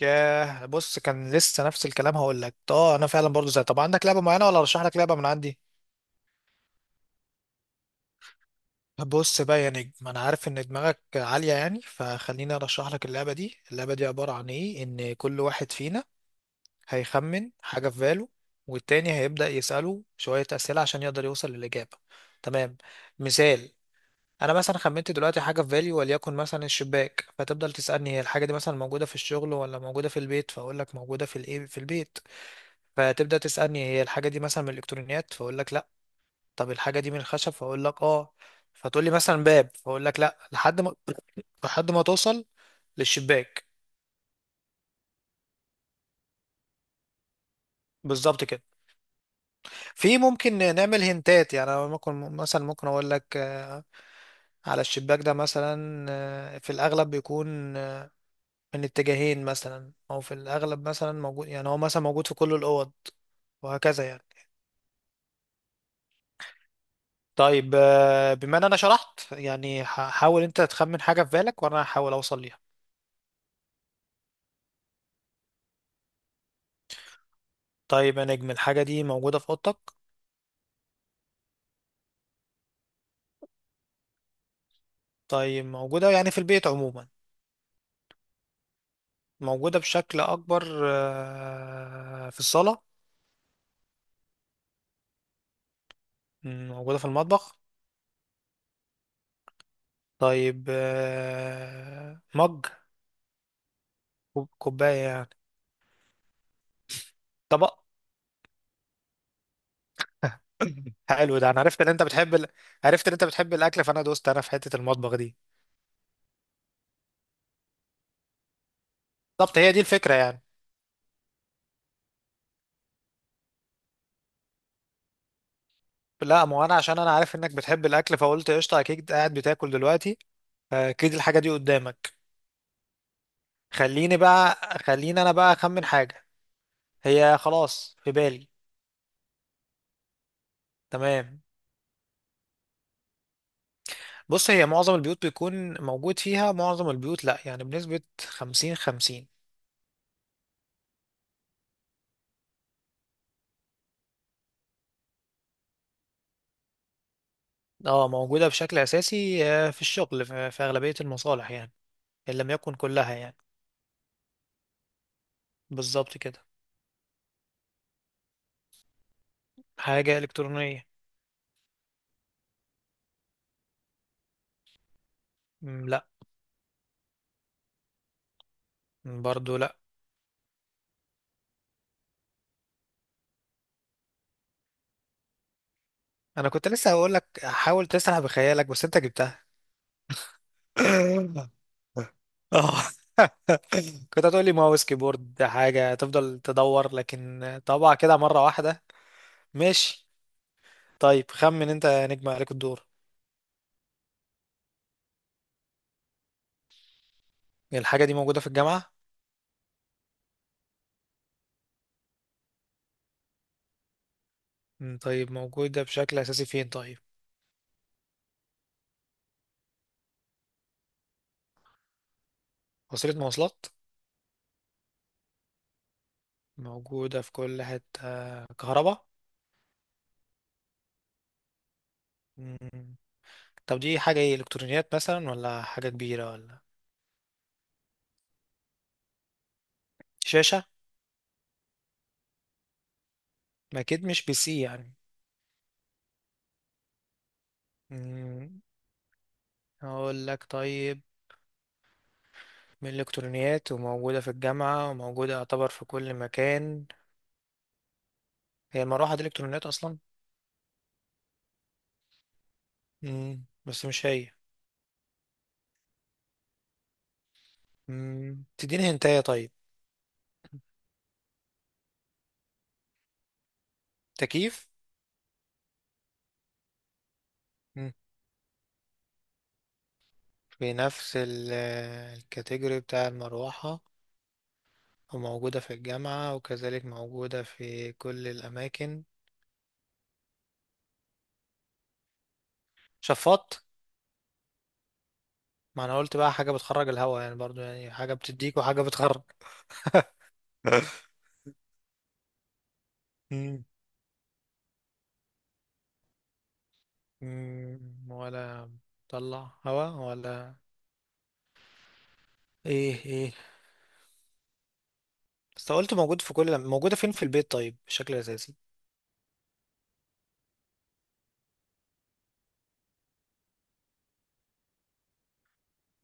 ياه، بص كان لسه نفس الكلام. هقول لك انا فعلا برضو زي. طب عندك لعبه معينه ولا ارشح لك لعبه من عندي؟ بص بقى يا نجم، انا عارف ان دماغك عاليه يعني، فخليني ارشح لك اللعبه دي. اللعبه دي عباره عن ايه؟ ان كل واحد فينا هيخمن حاجه في باله، والتاني هيبدا يساله شويه اسئله عشان يقدر يوصل للاجابه. تمام. مثال: انا مثلا خمنت دلوقتي حاجه في بالي، وليكن مثلا الشباك. فتفضل تسالني هي الحاجه دي مثلا موجوده في الشغل ولا موجوده في البيت، فاقول لك موجوده في الايه، في البيت. فتبدأ تسألني هي الحاجة دي مثلا من الإلكترونيات، فأقول لك لأ. طب الحاجة دي من الخشب، فأقول لك آه. فتقول لي مثلا باب، فأقول لك لأ، لحد ما، لحد ما توصل للشباك. بالظبط كده. في ممكن نعمل هنتات يعني، أنا ممكن مثلا، ممكن أقول لك آه، على الشباك ده مثلا آه، في الأغلب بيكون آه، من اتجاهين مثلا، أو في الأغلب مثلا موجود، يعني هو مثلا موجود في كل الأوض وهكذا يعني. طيب بما ان انا شرحت يعني، حاول انت تخمن حاجة في بالك وانا هحاول اوصل ليها. طيب يا نجم، الحاجة دي موجودة في أوضتك؟ طيب، موجودة يعني في البيت عموما؟ موجودة بشكل أكبر في الصالة؟ مم، موجودة في المطبخ؟ طيب مج، كوباية يعني؟ طبق؟ حلو. ده أنا عرفت إن أنت بتحب ال... عرفت إن أنت بتحب الأكل، فأنا دوست أنا في حتة المطبخ دي. بالظبط هي دي الفكرة يعني. لا، ما هو أنا عشان أنا عارف إنك بتحب الأكل، فقلت قشطة أكيد قاعد بتاكل دلوقتي، فأكيد الحاجة دي قدامك. خليني بقى، خليني أنا بقى أخمن حاجة. هي خلاص في بالي. تمام. بص، هي معظم البيوت بيكون موجود فيها. معظم البيوت لا يعني، بنسبة خمسين خمسين. اه، موجودة بشكل أساسي في الشغل، في أغلبية المصالح يعني، إن لم يكن كلها يعني. بالظبط كده. حاجة إلكترونية. مم، لا. مم، برضو لا. أنا كنت لسه هقول لك حاول تسرح بخيالك بس أنت جبتها. اه. كنت هتقول لي ماوس، كيبورد، حاجة، تفضل تدور، لكن طبعا كده مرة واحدة. ماشي. طيب خمن انت يا نجم، عليك الدور. الحاجة دي موجودة في الجامعة؟ مم، طيب موجودة بشكل أساسي فين طيب؟ وسيلة مواصلات؟ موجودة في كل حتة؟ كهرباء؟ مم، طب دي حاجة ايه، إلكترونيات مثلا ولا حاجة كبيرة ولا؟ شاشة؟ ما أكيد مش بي سي يعني. مم، أقول لك طيب، من الإلكترونيات وموجودة في الجامعة وموجودة يعتبر في كل مكان. هي المروحة دي إلكترونيات أصلا؟ مم، بس مش هي. مم، تديني هنتاية طيب. تكييف؟ في نفس الكاتيجوري بتاع المروحة، وموجودة في الجامعة وكذلك موجودة في كل الأماكن. شفاط؟ ما أنا قلت بقى حاجة بتخرج الهواء يعني برضو، يعني حاجة بتديك وحاجة بتخرج. مم. مم، ولا طلع هواء ولا ايه ايه. بس قلت موجود في كل، موجودة فين في البيت طيب بشكل أساسي؟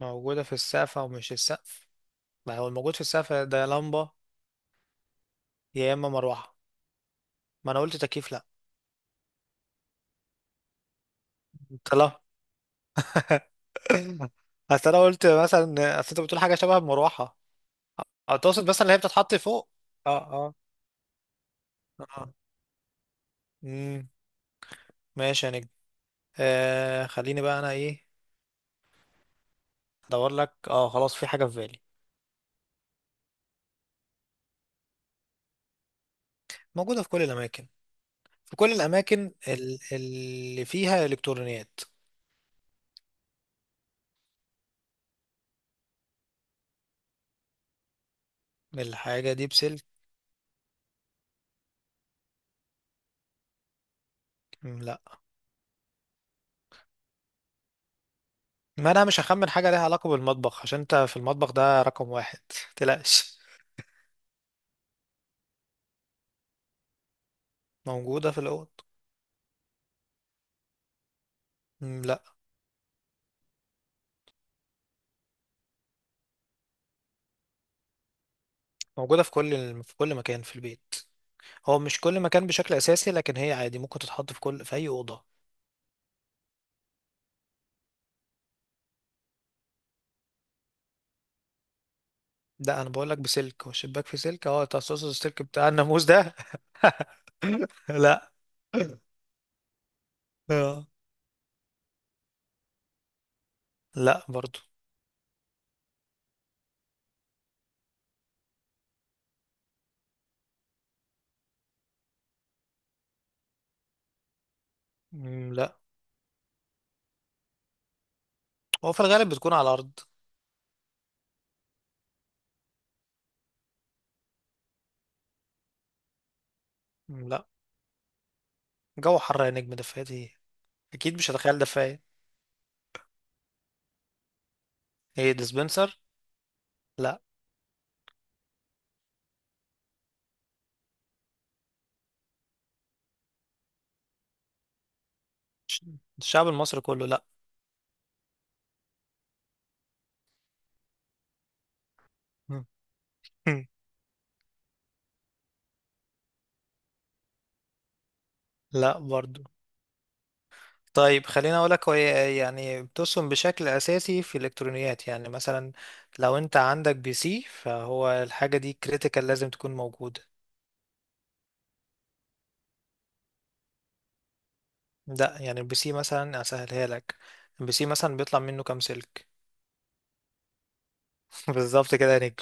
موجودة في السقف أو مش السقف؟ ما هو الموجود في السقف ده يا لمبة يا إما مروحة، ما أنا قلت تكييف لأ. طلع. اصل انا قلت مثلا، اصل انت بتقول حاجه شبه المروحه، او تقصد مثلا اللي هي بتتحط فوق؟ اه اه اه. امم ماشي يا نجم. آه خليني بقى انا ايه، ادور لك. اه خلاص، في حاجه في بالي. موجوده في كل الاماكن، في كل الاماكن اللي فيها الكترونيات. الحاجه دي بسلك. مم، لا. ما انا مش هخمن حاجه ليها علاقه بالمطبخ عشان انت في المطبخ ده رقم واحد متقلقش. موجوده في الاوض. مم، لا. موجوده في كل في كل مكان في البيت. هو مش كل مكان بشكل اساسي، لكن هي عادي ممكن تتحط في كل، في اي اوضه. ده انا بقول لك بسلك، والشباك في سلك، اه انت هتقصد السلك بتاع الناموس ده. لا. آه. لا برضو. مم، لا. هو في الغالب بتكون على الارض. مم، لا. جو حر يا نجم، دفايات ايه، اكيد مش هتخيل دفايه. ايه ديسبنسر؟ لا. ش- الشعب المصري كله لا. مم. لا برضو. طيب خليني اقول لك هي يعني بتصم بشكل اساسي في الالكترونيات يعني، مثلا لو انت عندك بي سي، فهو الحاجه دي كريتيكال، لازم تكون موجوده. ده يعني البي سي مثلا اسهلها لك. البي سي مثلا بيطلع منه كام سلك؟ بالظبط كده يا نجم.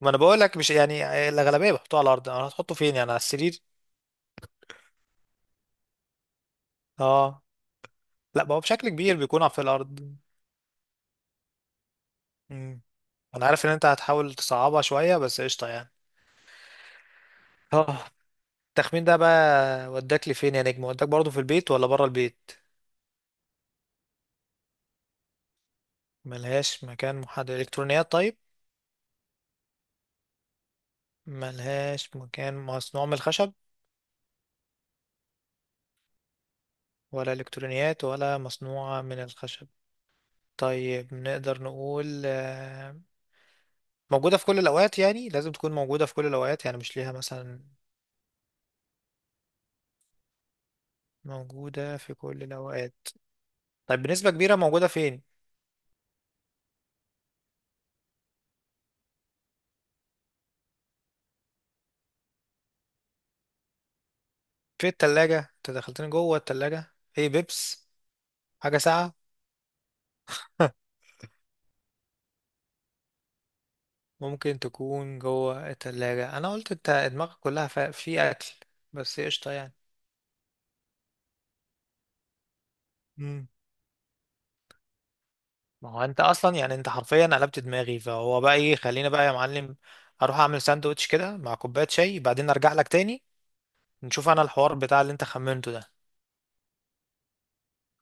ما انا بقول لك مش يعني الاغلبيه بحطوه على الارض، انا هتحطه فين يعني، على السرير؟ اه. لا ما هو بشكل كبير بيكون في الارض. مم. انا عارف ان انت هتحاول تصعبها شويه بس قشطه يعني. اه. التخمين ده بقى وداك لفين يا نجم، وداك برضه في البيت ولا بره البيت؟ ملهاش مكان محدد. الكترونيات طيب؟ ملهاش مكان مصنوع من الخشب؟ ولا الكترونيات ولا مصنوعة من الخشب. طيب نقدر نقول موجودة في كل الأوقات يعني، لازم تكون موجودة في كل الأوقات يعني، مش ليها مثلا. موجودة في كل الأوقات. طيب بنسبة كبيرة موجودة فين؟ في التلاجة؟ انت دخلتني جوه التلاجة، ايه بيبس، حاجة ساقعة؟ ممكن تكون جوه التلاجة. انا قلت انت دماغك كلها في اكل، بس قشطة يعني. مم. ما هو انت اصلا يعني، انت حرفيا قلبت دماغي، فهو بقى ايه خلينا بقى يا معلم. اروح اعمل ساندوتش كده مع كوبايه شاي، بعدين ارجع لك تاني نشوف انا الحوار بتاع اللي انت خمنته ده.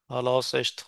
خلاص قشطه.